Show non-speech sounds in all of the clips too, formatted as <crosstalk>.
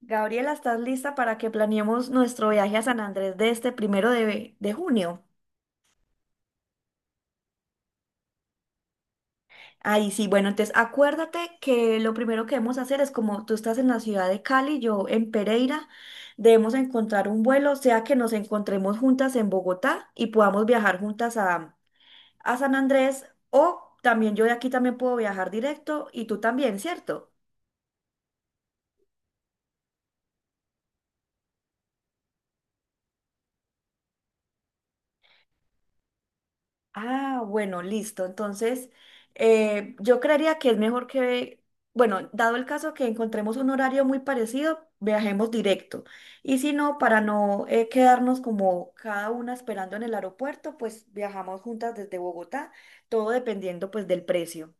Gabriela, ¿estás lista para que planeemos nuestro viaje a San Andrés de este primero de junio? Ahí sí, bueno, entonces acuérdate que lo primero que debemos hacer es como tú estás en la ciudad de Cali, yo en Pereira, debemos encontrar un vuelo, sea que nos encontremos juntas en Bogotá y podamos viajar juntas a San Andrés, o también yo de aquí también puedo viajar directo y tú también, ¿cierto? Ah, bueno, listo. Entonces, yo creería que es mejor que, bueno, dado el caso que encontremos un horario muy parecido, viajemos directo. Y si no, para no quedarnos como cada una esperando en el aeropuerto, pues viajamos juntas desde Bogotá, todo dependiendo pues del precio.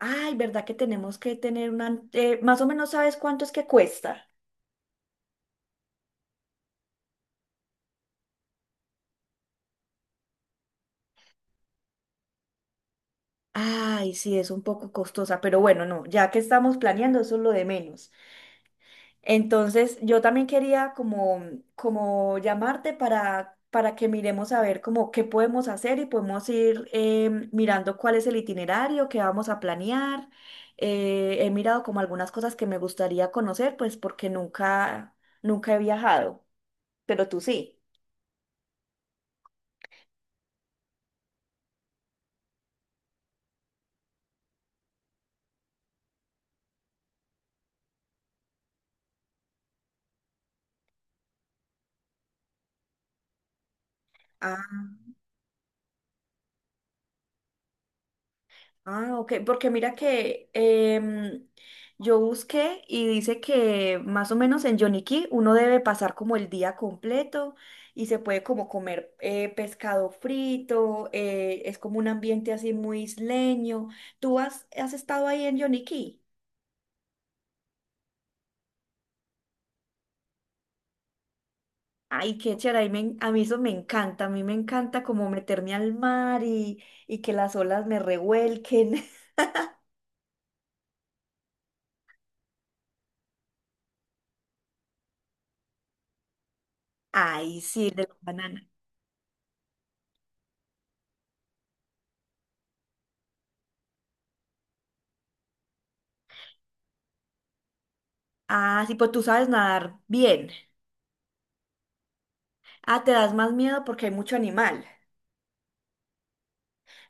Ay, ¿verdad que tenemos que tener más o menos sabes cuánto es que cuesta? Ay, sí, es un poco costosa, pero bueno, no, ya que estamos planeando, eso es lo de menos. Entonces, yo también quería como llamarte para que miremos a ver como qué podemos hacer y podemos ir mirando cuál es el itinerario que vamos a planear. He mirado como algunas cosas que me gustaría conocer, pues porque nunca he viajado, pero tú sí. Ah, ok, porque mira que yo busqué y dice que más o menos en Yoniquí uno debe pasar como el día completo y se puede como comer pescado frito, es como un ambiente así muy isleño. ¿Tú has estado ahí en Yoniquí? Ay, qué chévere, ahí me a mí eso me encanta, a mí me encanta como meterme al mar y que las olas me revuelquen. <laughs> Ay, sí, de la banana. Ah, sí, pues tú sabes nadar bien. Ah, te das más miedo porque hay mucho animal.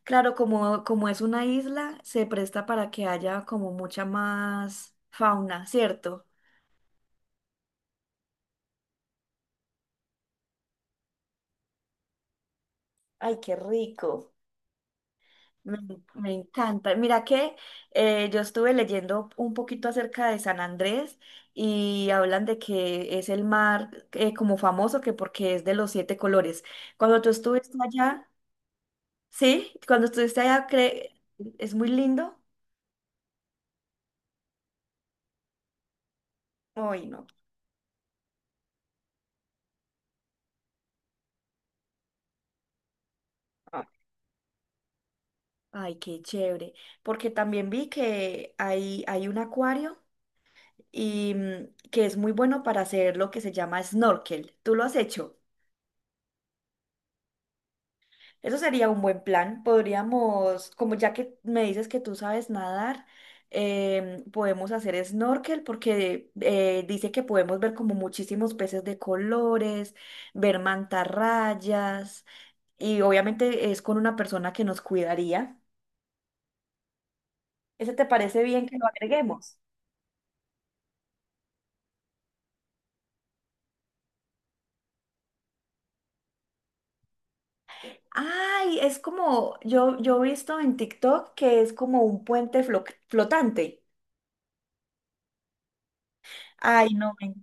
Claro, como es una isla, se presta para que haya como mucha más fauna, ¿cierto? Ay, qué rico. Me, me encanta. Mira que yo estuve leyendo un poquito acerca de San Andrés y hablan de que es el mar como famoso que porque es de los siete colores. Cuando tú estuviste allá, sí, cuando estuviste allá, es muy lindo. Ay, no. Ay, qué chévere. Porque también vi que hay un acuario y que es muy bueno para hacer lo que se llama snorkel. ¿Tú lo has hecho? Eso sería un buen plan. Podríamos, como ya que me dices que tú sabes nadar, podemos hacer snorkel porque dice que podemos ver como muchísimos peces de colores, ver mantarrayas y obviamente es con una persona que nos cuidaría. ¿Ese te parece bien que lo agreguemos? Ay, es como, yo he visto en TikTok que es como un puente flotante. Ay, no,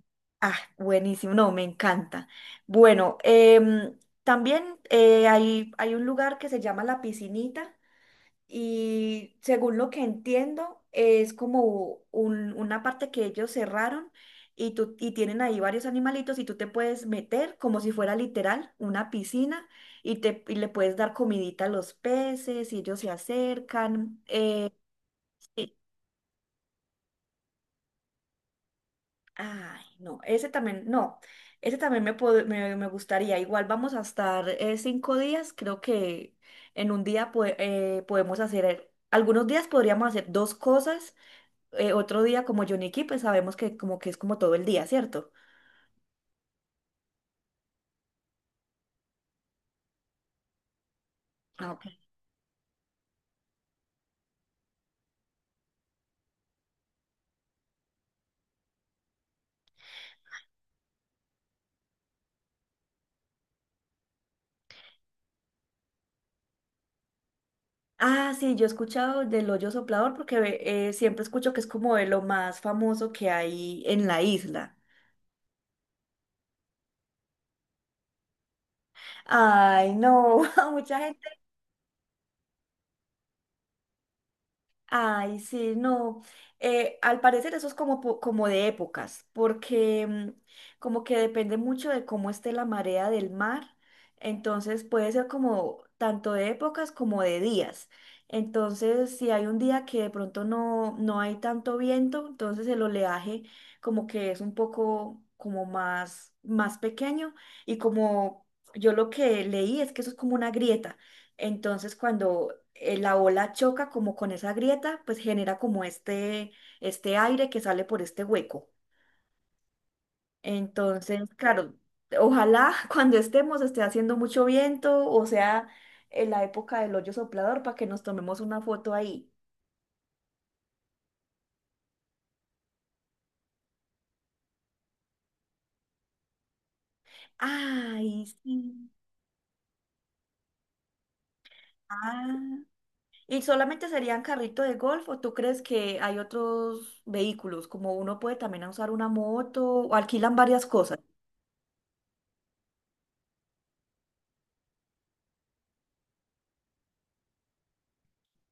ah, buenísimo, no, me encanta. Bueno, también hay un lugar que se llama La Piscinita. Y según lo que entiendo, es como una parte que ellos cerraron y tienen ahí varios animalitos y tú te puedes meter como si fuera literal una piscina y le puedes dar comidita a los peces y ellos se acercan. Sí. Ay, no, ese también, no, ese también me gustaría. Igual vamos a estar 5 días, creo que en un día podemos hacer, algunos días podríamos hacer dos cosas otro día como Yoniki, pues sabemos que como que es como todo el día, ¿cierto? Ah, ok. Ah, sí, yo he escuchado del hoyo soplador porque siempre escucho que es como de lo más famoso que hay en la isla. Ay, no, <laughs> mucha Ay, sí, no. Al parecer eso es como, como de épocas, porque como que depende mucho de cómo esté la marea del mar. Entonces puede ser como tanto de épocas como de días. Entonces, si hay un día que de pronto no hay tanto viento, entonces el oleaje como que es un poco como más pequeño y como yo lo que leí es que eso es como una grieta. Entonces, cuando la ola choca como con esa grieta, pues genera como este aire que sale por este hueco. Entonces, claro, ojalá <laughs> cuando estemos esté haciendo mucho viento o sea en la época del hoyo soplador para que nos tomemos una foto ahí. Ay, sí. Ah. ¿Y solamente serían carrito de golf o tú crees que hay otros vehículos? Como uno puede también usar una moto o alquilan varias cosas.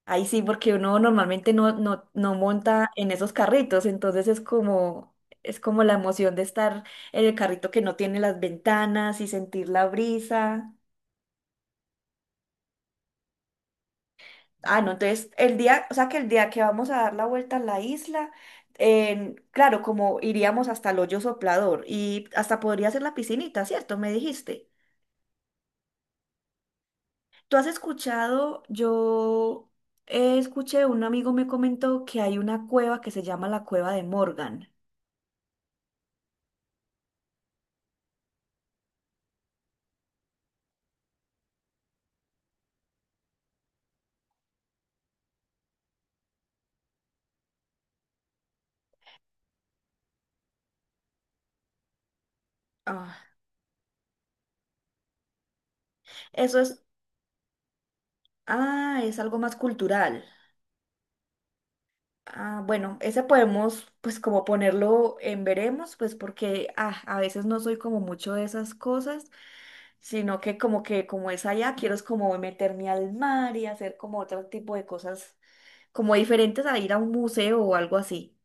Ahí sí, porque uno normalmente no monta en esos carritos, entonces es como la emoción de estar en el carrito que no tiene las ventanas y sentir la brisa. Ah, no, entonces el día, o sea que el día que vamos a dar la vuelta a la isla, claro, como iríamos hasta el hoyo soplador y hasta podría ser la piscinita, ¿cierto? Me dijiste. ¿Tú has escuchado? Yo escuché, un amigo me comentó que hay una cueva que se llama la Cueva de Morgan. Ah. Eso es. Ah, es algo más cultural. Ah, bueno, ese podemos, pues como ponerlo en veremos, pues porque ah, a veces no soy como mucho de esas cosas, sino que como es allá, quiero es como meterme al mar y hacer como otro tipo de cosas como diferentes a ir a un museo o algo así.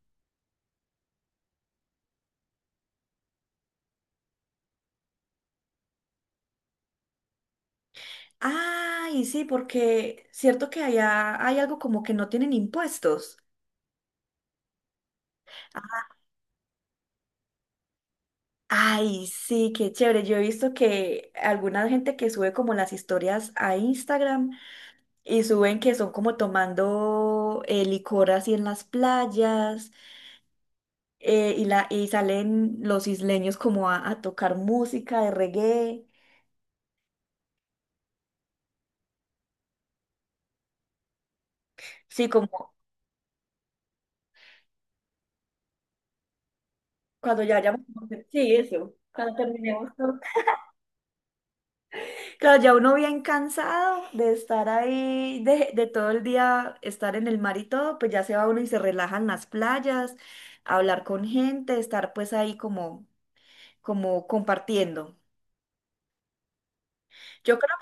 Ah, y sí, porque cierto que allá hay algo como que no tienen impuestos. Ay, sí, qué chévere. Yo he visto que alguna gente que sube como las historias a Instagram y suben que son como tomando licor así en las playas y salen los isleños como a tocar música de reggae. Sí, como cuando ya hayamos... Sí, eso. Cuando terminemos todo. Claro, ya uno bien cansado de estar ahí, de todo el día estar en el mar y todo, pues ya se va uno y se relaja en las playas, a hablar con gente, estar pues ahí como compartiendo. Yo creo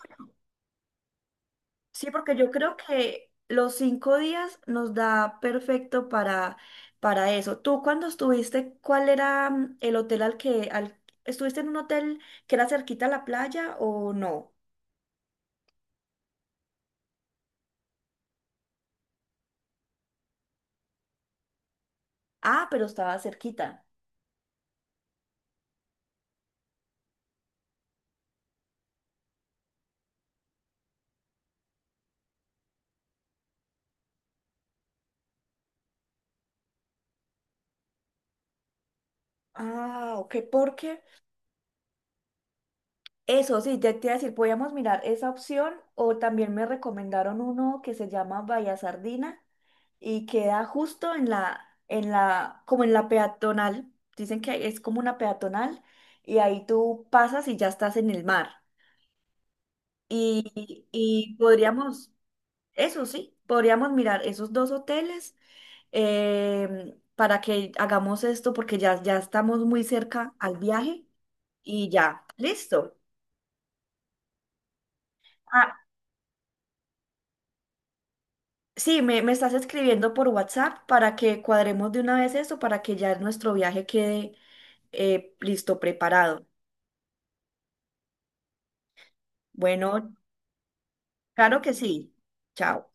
Sí, porque yo creo que los 5 días nos da perfecto para eso. Tú cuando estuviste, ¿cuál era el hotel estuviste en un hotel que era cerquita a la playa o no? Ah, pero estaba cerquita. Ah, ok, ¿por qué? Eso sí, ya te iba a decir, podíamos mirar esa opción o también me recomendaron uno que se llama Bahía Sardina y queda justo como en la peatonal. Dicen que es como una peatonal y ahí tú pasas y ya estás en el mar. Y podríamos, eso sí, podríamos mirar esos dos hoteles para que hagamos esto porque ya estamos muy cerca al viaje y ya, listo. Ah, sí, me estás escribiendo por WhatsApp para que cuadremos de una vez eso, para que ya nuestro viaje quede listo, preparado. Bueno, claro que sí. Chao.